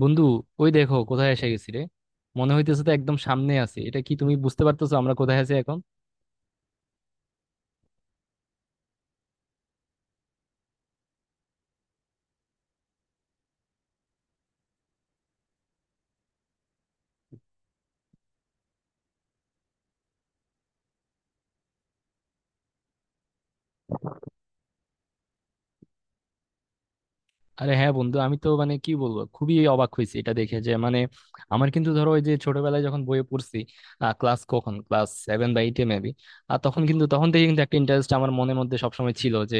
বন্ধু, ওই দেখো কোথায় এসে গেছি রে। মনে হইতেছে তো একদম সামনে আছি। এটা কি তুমি বুঝতে পারতেছো আমরা কোথায় আছি এখন? আরে হ্যাঁ বন্ধু, আমি তো মানে কি বলবো, খুবই অবাক হয়েছি এটা দেখে। যে মানে আমার কিন্তু, ধরো, ওই যে ছোটবেলায় যখন বইয়ে পড়ছি, ক্লাস 7 বা 8-এ মেবি, আর তখন থেকে কিন্তু একটা ইন্টারেস্ট আমার মনের মধ্যে সবসময় ছিল যে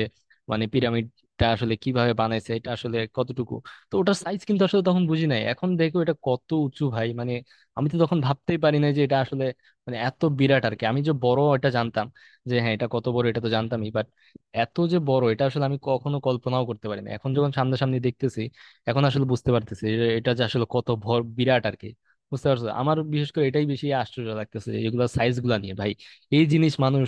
মানে পিরামিডটা আসলে কিভাবে বানাইছে, এটা আসলে কতটুকু। তো ওটার সাইজ কিন্তু আসলে তখন বুঝি নাই, এখন দেখো এটা কত উঁচু ভাই। মানে আমি তো তখন ভাবতেই পারি না যে এটা আসলে মানে এত বিরাট আর কি। আমি যে বড় এটা জানতাম, যে হ্যাঁ এটা কত বড় এটা তো জানতামই, এত যে বড় এটা আসলে আমি কখনো কল্পনাও করতে পারিনি। এখন যখন সামনাসামনি দেখতেছি, এখন আসলে বুঝতে পারতেছি যে এটা যে আসলে কত ভর বিরাট আর কি। বুঝতে পারছো, আমার বিশেষ করে এটাই বেশি আশ্চর্য লাগতেছে এগুলা সাইজ গুলা নিয়ে ভাই। এই জিনিস মানুষ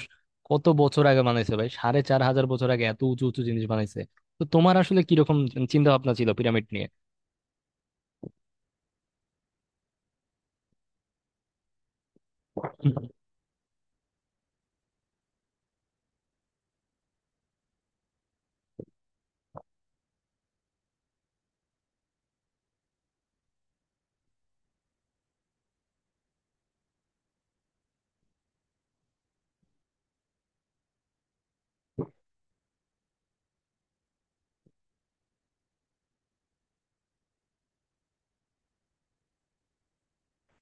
কত বছর আগে বানাইছে ভাই, 4,500 বছর আগে এত উঁচু উঁচু জিনিস বানাইছে। তো তোমার আসলে কিরকম চিন্তা ভাবনা ছিল পিরামিড নিয়ে?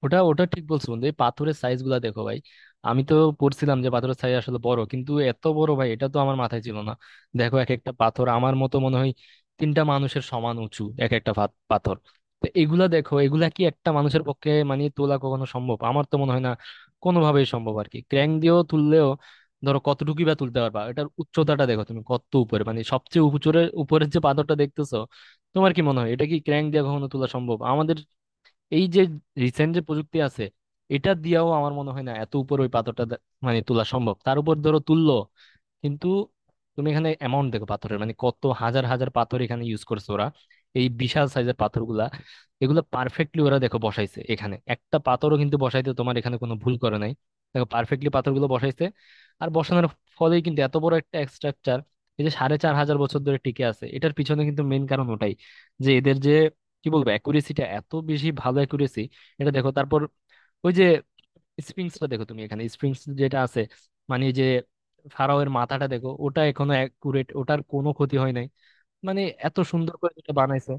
ওটা ওটা ঠিক বলছো বন্ধু, এই পাথরের সাইজ গুলা দেখো ভাই। আমি তো পড়ছিলাম যে পাথরের সাইজ আসলে বড়, কিন্তু এত বড় ভাই, এটা তো আমার মাথায় ছিল না। দেখো, এক একটা পাথর আমার মতো মনে হয় 3টা মানুষের সমান উঁচু এক একটা পাথর। তো এগুলা দেখো, এগুলা কি একটা মানুষের পক্ষে মানে তোলা কখনো সম্ভব? আমার তো মনে হয় না কোনোভাবেই সম্ভব আর কি। ক্র্যাং দিয়েও তুললেও ধরো কতটুকুই বা তুলতে পারবা। এটার উচ্চতাটা দেখো তুমি, কত উপরে মানে সবচেয়ে উপরের উপরের যে পাথরটা দেখতেছো, তোমার কি মনে হয় এটা কি ক্র্যাং দিয়ে কখনো তোলা সম্ভব আমাদের এই যে রিসেন্ট যে প্রযুক্তি আছে এটা দিয়েও? আমার মনে হয় না এত উপর ওই পাথরটা মানে তোলা সম্ভব। তার উপর ধরো তুললো কিন্তু, তুমি এখানে অ্যামাউন্ট দেখো পাথরের, মানে কত হাজার হাজার পাথর এখানে ইউজ করছে ওরা, এই বিশাল সাইজের পাথরগুলা। এগুলো পারফেক্টলি ওরা দেখো বসাইছে, এখানে একটা পাথরও কিন্তু বসাইতে তোমার এখানে কোনো ভুল করে নাই। দেখো, পারফেক্টলি পাথরগুলো বসাইছে। আর বসানোর ফলেই কিন্তু এত বড় একটা স্ট্রাকচার এই যে 4,500 বছর ধরে টিকে আছে, এটার পিছনে কিন্তু মেন কারণ ওটাই, যে এদের যে কি বলবো অ্যাকুরেসিটা এত বেশি, ভালো অ্যাকুরেসি। এটা দেখো, তারপর ওই যে স্প্রিংস টা দেখো তুমি, এখানে স্প্রিংস যেটা আছে মানে এই যে ফারাওয়ের মাথাটা দেখো, ওটা এখনো অ্যাকুরেট, ওটার কোনো ক্ষতি হয় নাই। মানে এত সুন্দর করে যেটা বানাইছে।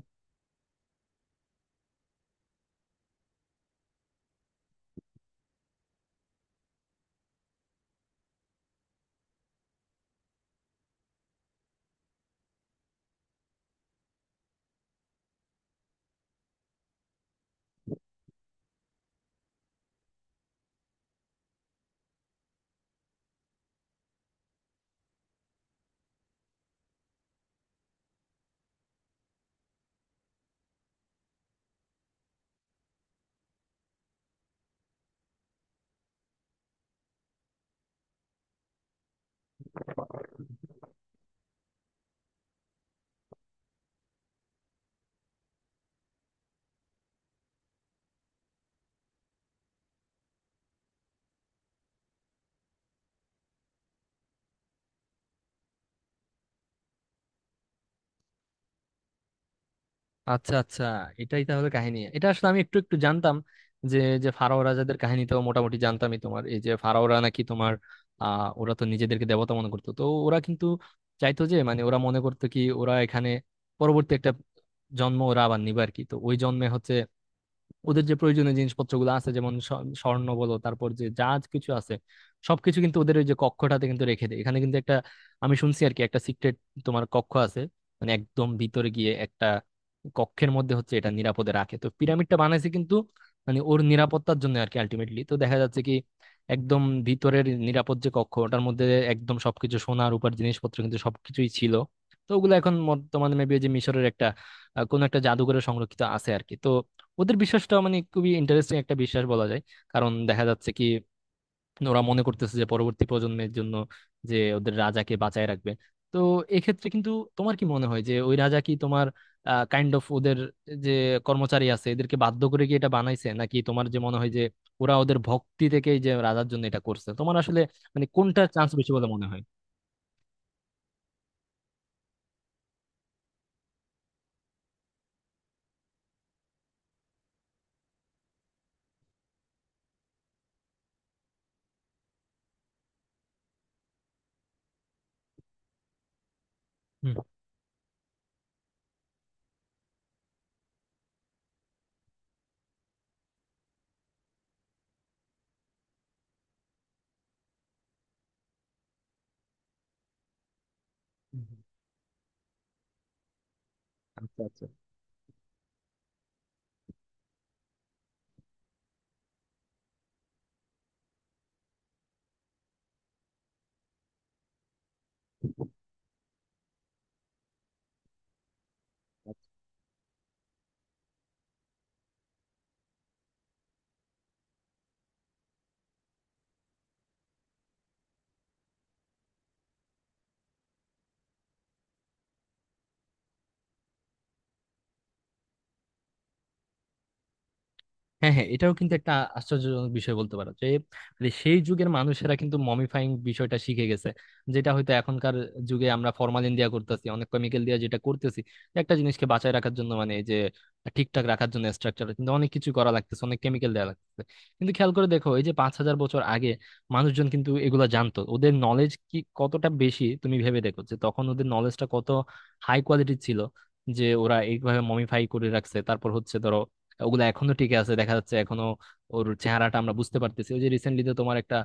আচ্ছা, আচ্ছা, এটাই তাহলে কাহিনী। এটা আসলে আমি একটু একটু জানতাম, যে যে ফারাও রাজাদের কাহিনী তো মোটামুটি জানতামই। তোমার এই যে ফারাওরা নাকি তোমার, ওরা তো নিজেদেরকে দেবতা মনে করতো, তো ওরা কিন্তু চাইতো যে মানে ওরা মনে করতো কি, ওরা এখানে পরবর্তী একটা জন্ম ওরা আবার নিবে আর কি। তো ওই জন্মে হচ্ছে ওদের যে প্রয়োজনীয় জিনিসপত্রগুলো আছে, যেমন স্বর্ণ বলো, তারপর যে যা কিছু আছে সবকিছু কিন্তু ওদের ওই যে কক্ষটাতে কিন্তু রেখে দেয়। এখানে কিন্তু একটা, আমি শুনছি আর কি, একটা সিক্রেট তোমার কক্ষ আছে, মানে একদম ভিতরে গিয়ে একটা কক্ষের মধ্যে হচ্ছে এটা নিরাপদে রাখে। তো পিরামিডটা বানাইছে কিন্তু মানে ওর নিরাপত্তার জন্য আর কি। আলটিমেটলি তো দেখা যাচ্ছে কি একদম ভিতরের নিরাপদ যে কক্ষ, ওটার মধ্যে একদম সবকিছু সোনা রূপার জিনিসপত্র কিন্তু সবকিছুই ছিল। তো ওগুলো এখন বর্তমানে মেবি যে মিশরের একটা, কোনো একটা জাদুঘরে সংরক্ষিত আছে আর কি। তো ওদের বিশ্বাসটা মানে খুবই ইন্টারেস্টিং একটা বিশ্বাস বলা যায়। কারণ দেখা যাচ্ছে কি, ওরা মনে করতেছে যে পরবর্তী প্রজন্মের জন্য যে ওদের রাজাকে বাঁচায় রাখবে। তো এক্ষেত্রে কিন্তু তোমার কি মনে হয় যে ওই রাজা কি তোমার কাইন্ড অফ ওদের যে কর্মচারী আছে এদেরকে বাধ্য করে কি এটা বানাইছে, নাকি তোমার যে মনে হয় যে ওরা ওদের ভক্তি থেকেই যে রাজার জন্য এটা করছে? তোমার আসলে মানে কোনটা চান্স বেশি বলে মনে হয়? হুম। হুম, হুম। আচ্ছা, আচ্ছা। হ্যাঁ, হ্যাঁ, এটাও কিন্তু একটা আশ্চর্যজনক বিষয় বলতে পারো যে মানে সেই যুগের মানুষেরা কিন্তু মমিফাইং বিষয়টা শিখে গেছে, যেটা হয়তো এখনকার যুগে আমরা ফরমালিন দিয়া করতেছি, অনেক কেমিক্যাল দিয়া যেটা করতেছি একটা জিনিসকে বাঁচায় রাখার জন্য। মানে এই যে ঠিকঠাক রাখার জন্য স্ট্রাকচার কিন্তু অনেক কিছু করা লাগতেছে, অনেক কেমিক্যাল দেওয়া লাগতেছে। কিন্তু খেয়াল করে দেখো, এই যে 5,000 বছর আগে মানুষজন কিন্তু এগুলা জানতো। ওদের নলেজ কি কতটা বেশি তুমি ভেবে দেখো, যে তখন ওদের নলেজটা কত হাই কোয়ালিটির ছিল, যে ওরা এইভাবে মমিফাই করে রাখছে। তারপর হচ্ছে ধরো ওগুলা এখনো টিকে আছে, দেখা যাচ্ছে এখনো ওর চেহারাটা আমরা বুঝতে পারতেছি। ওই যে রিসেন্টলি তো তোমার একটা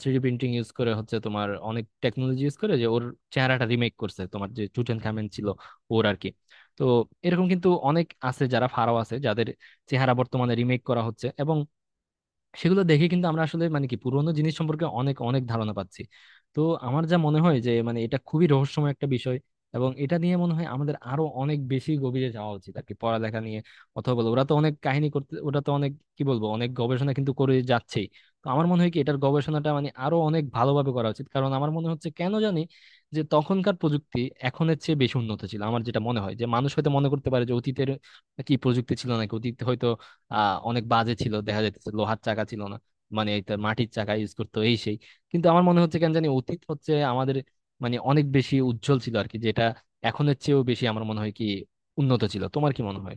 থ্রিডি প্রিন্টিং ইউজ করে হচ্ছে, তোমার অনেক টেকনোলজি ইউজ করে যে ওর চেহারাটা রিমেক করছে তোমার, যে চুটেন খামেন ছিল ওর আর কি। তো এরকম কিন্তু অনেক আছে যারা ফারাও আছে, যাদের চেহারা বর্তমানে রিমেক করা হচ্ছে, এবং সেগুলো দেখে কিন্তু আমরা আসলে মানে কি পুরোনো জিনিস সম্পর্কে অনেক অনেক ধারণা পাচ্ছি। তো আমার যা মনে হয় যে মানে এটা খুবই রহস্যময় একটা বিষয়, এবং এটা নিয়ে মনে হয় আমাদের আরো অনেক বেশি গভীরে যাওয়া উচিত আর কি, পড়ালেখা নিয়ে। অথবা বলো ওরা তো অনেক কাহিনী করতে, ওরা তো অনেক কি বলবো অনেক গবেষণা কিন্তু করে যাচ্ছেই। তো আমার মনে হয় কি এটার গবেষণাটা মানে আরো অনেক ভালোভাবে করা উচিত, কারণ আমার মনে হচ্ছে কেন জানি যে তখনকার প্রযুক্তি এখনের চেয়ে বেশি উন্নত ছিল। আমার যেটা মনে হয় যে মানুষ হয়তো মনে করতে পারে যে অতীতের কি প্রযুক্তি ছিল, নাকি অতীতে হয়তো অনেক বাজে ছিল, দেখা যাইতেছে লোহার চাকা ছিল না, মানে এটা মাটির চাকা ইউজ করতো এই সেই। কিন্তু আমার মনে হচ্ছে কেন জানি অতীত হচ্ছে আমাদের মানে অনেক বেশি উজ্জ্বল ছিল আর কি, যেটা এখনের চেয়েও বেশি আমার মনে হয় কি উন্নত ছিল। তোমার কি মনে হয়?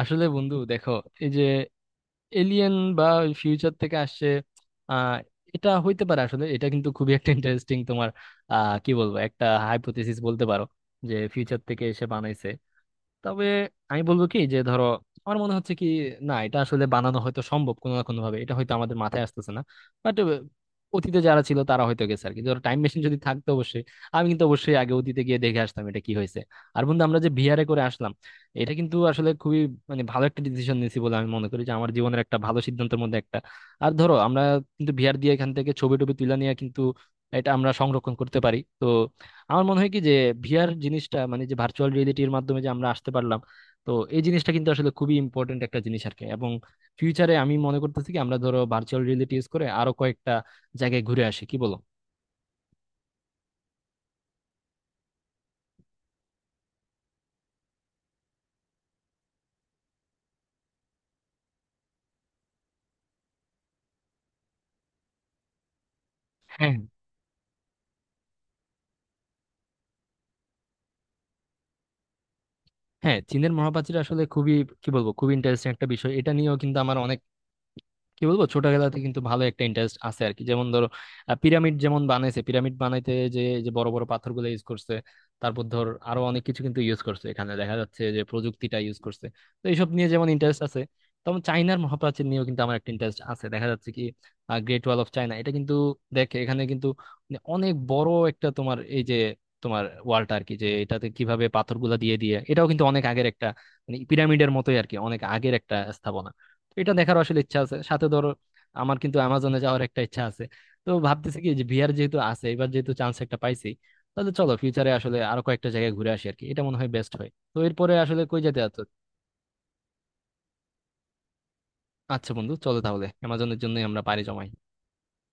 আসলে বন্ধু দেখো, এই যে এলিয়েন বা ফিউচার থেকে আসছে, আহ এটা হইতে পারে। আসলে এটা কিন্তু খুবই একটা ইন্টারেস্টিং তোমার, কি বলবো, একটা হাইপোথেসিস বলতে পারো, যে ফিউচার থেকে এসে বানাইছে। তবে আমি বলবো কি যে ধরো, আমার মনে হচ্ছে কি, না এটা আসলে বানানো হয়তো সম্ভব কোনো না কোনো ভাবে, এটা হয়তো আমাদের মাথায় আসতেছে না। বাট অতীতে যারা ছিল তারা হয়তো গেছে আর কি, ধরো টাইম মেশিন যদি থাকতো অবশ্যই। আমি কিন্তু অবশ্যই আগে অতীতে গিয়ে দেখে আসতাম এটা কি হয়েছে। আর বন্ধু, আমরা যে ভিআরে করে আসলাম, এটা কিন্তু আসলে খুবই মানে ভালো একটা ডিসিশন নিয়েছি বলে আমি মনে করি, যে আমার জীবনের একটা ভালো সিদ্ধান্তের মধ্যে একটা। আর ধরো আমরা কিন্তু ভিআর দিয়ে এখান থেকে ছবি টবি তুলে নিয়ে কিন্তু এটা আমরা সংরক্ষণ করতে পারি। তো আমার মনে হয় কি যে ভিআর জিনিসটা মানে যে ভার্চুয়াল রিয়েলিটির মাধ্যমে যে আমরা আসতে পারলাম, তো এই জিনিসটা কিন্তু আসলে খুবই ইম্পর্টেন্ট একটা জিনিস আর কি। এবং ফিউচারে আমি মনে করতেছি কি আমরা ধরো ভার্চুয়াল রিয়েলিটি ইউজ করে আরো কয়েকটা জায়গায় ঘুরে আসি, কি বলো? হ্যাঁ। হ্যাঁ, চীনের মহাপ্রাচীর আসলে খুবই কি বলবো খুবই ইন্টারেস্টিং একটা বিষয়। এটা নিয়েও কিন্তু আমার অনেক কি বলবো ছোটবেলাতে কিন্তু ভালো একটা ইন্টারেস্ট আছে আর কি। যেমন ধরো, পিরামিড যেমন বানাইছে, পিরামিড বানাইতে যে যে বড় বড় পাথরগুলো ইউজ করছে, তারপর ধর আরো অনেক কিছু কিন্তু ইউজ করছে, এখানে দেখা যাচ্ছে যে প্রযুক্তিটা ইউজ করছে। তো এইসব নিয়ে যেমন ইন্টারেস্ট আছে, তেমন চাইনার মহাপ্রাচীর নিয়েও কিন্তু আমার একটা ইন্টারেস্ট আছে। দেখা যাচ্ছে কি গ্রেট ওয়াল অফ চায়না এটা কিন্তু, দেখে এখানে কিন্তু মানে অনেক বড় একটা তোমার এই যে তোমার ওয়ালটা আর কি, যে এটাতে কিভাবে পাথরগুলা দিয়ে দিয়ে এটাও কিন্তু অনেক আগের একটা মানে পিরামিডের মতোই আর কি, অনেক আগের একটা স্থাপনা। তো এটা দেখার আসলে ইচ্ছা আছে। সাথে ধরো আমার কিন্তু অ্যামাজনে যাওয়ার একটা ইচ্ছা আছে। তো ভাবতেছি কি যে ভিআর যেহেতু আছে, এবার যেহেতু চান্স একটা পাইছি, তাহলে চলো ফিউচারে আসলে আরো কয়েকটা জায়গায় ঘুরে আসি আর কি, এটা মনে হয় বেস্ট হয়। তো এরপরে আসলে কই যেতে আছো? আচ্ছা বন্ধু, চলো তাহলে অ্যামাজনের জন্যই আমরা পাড়ি জমাই।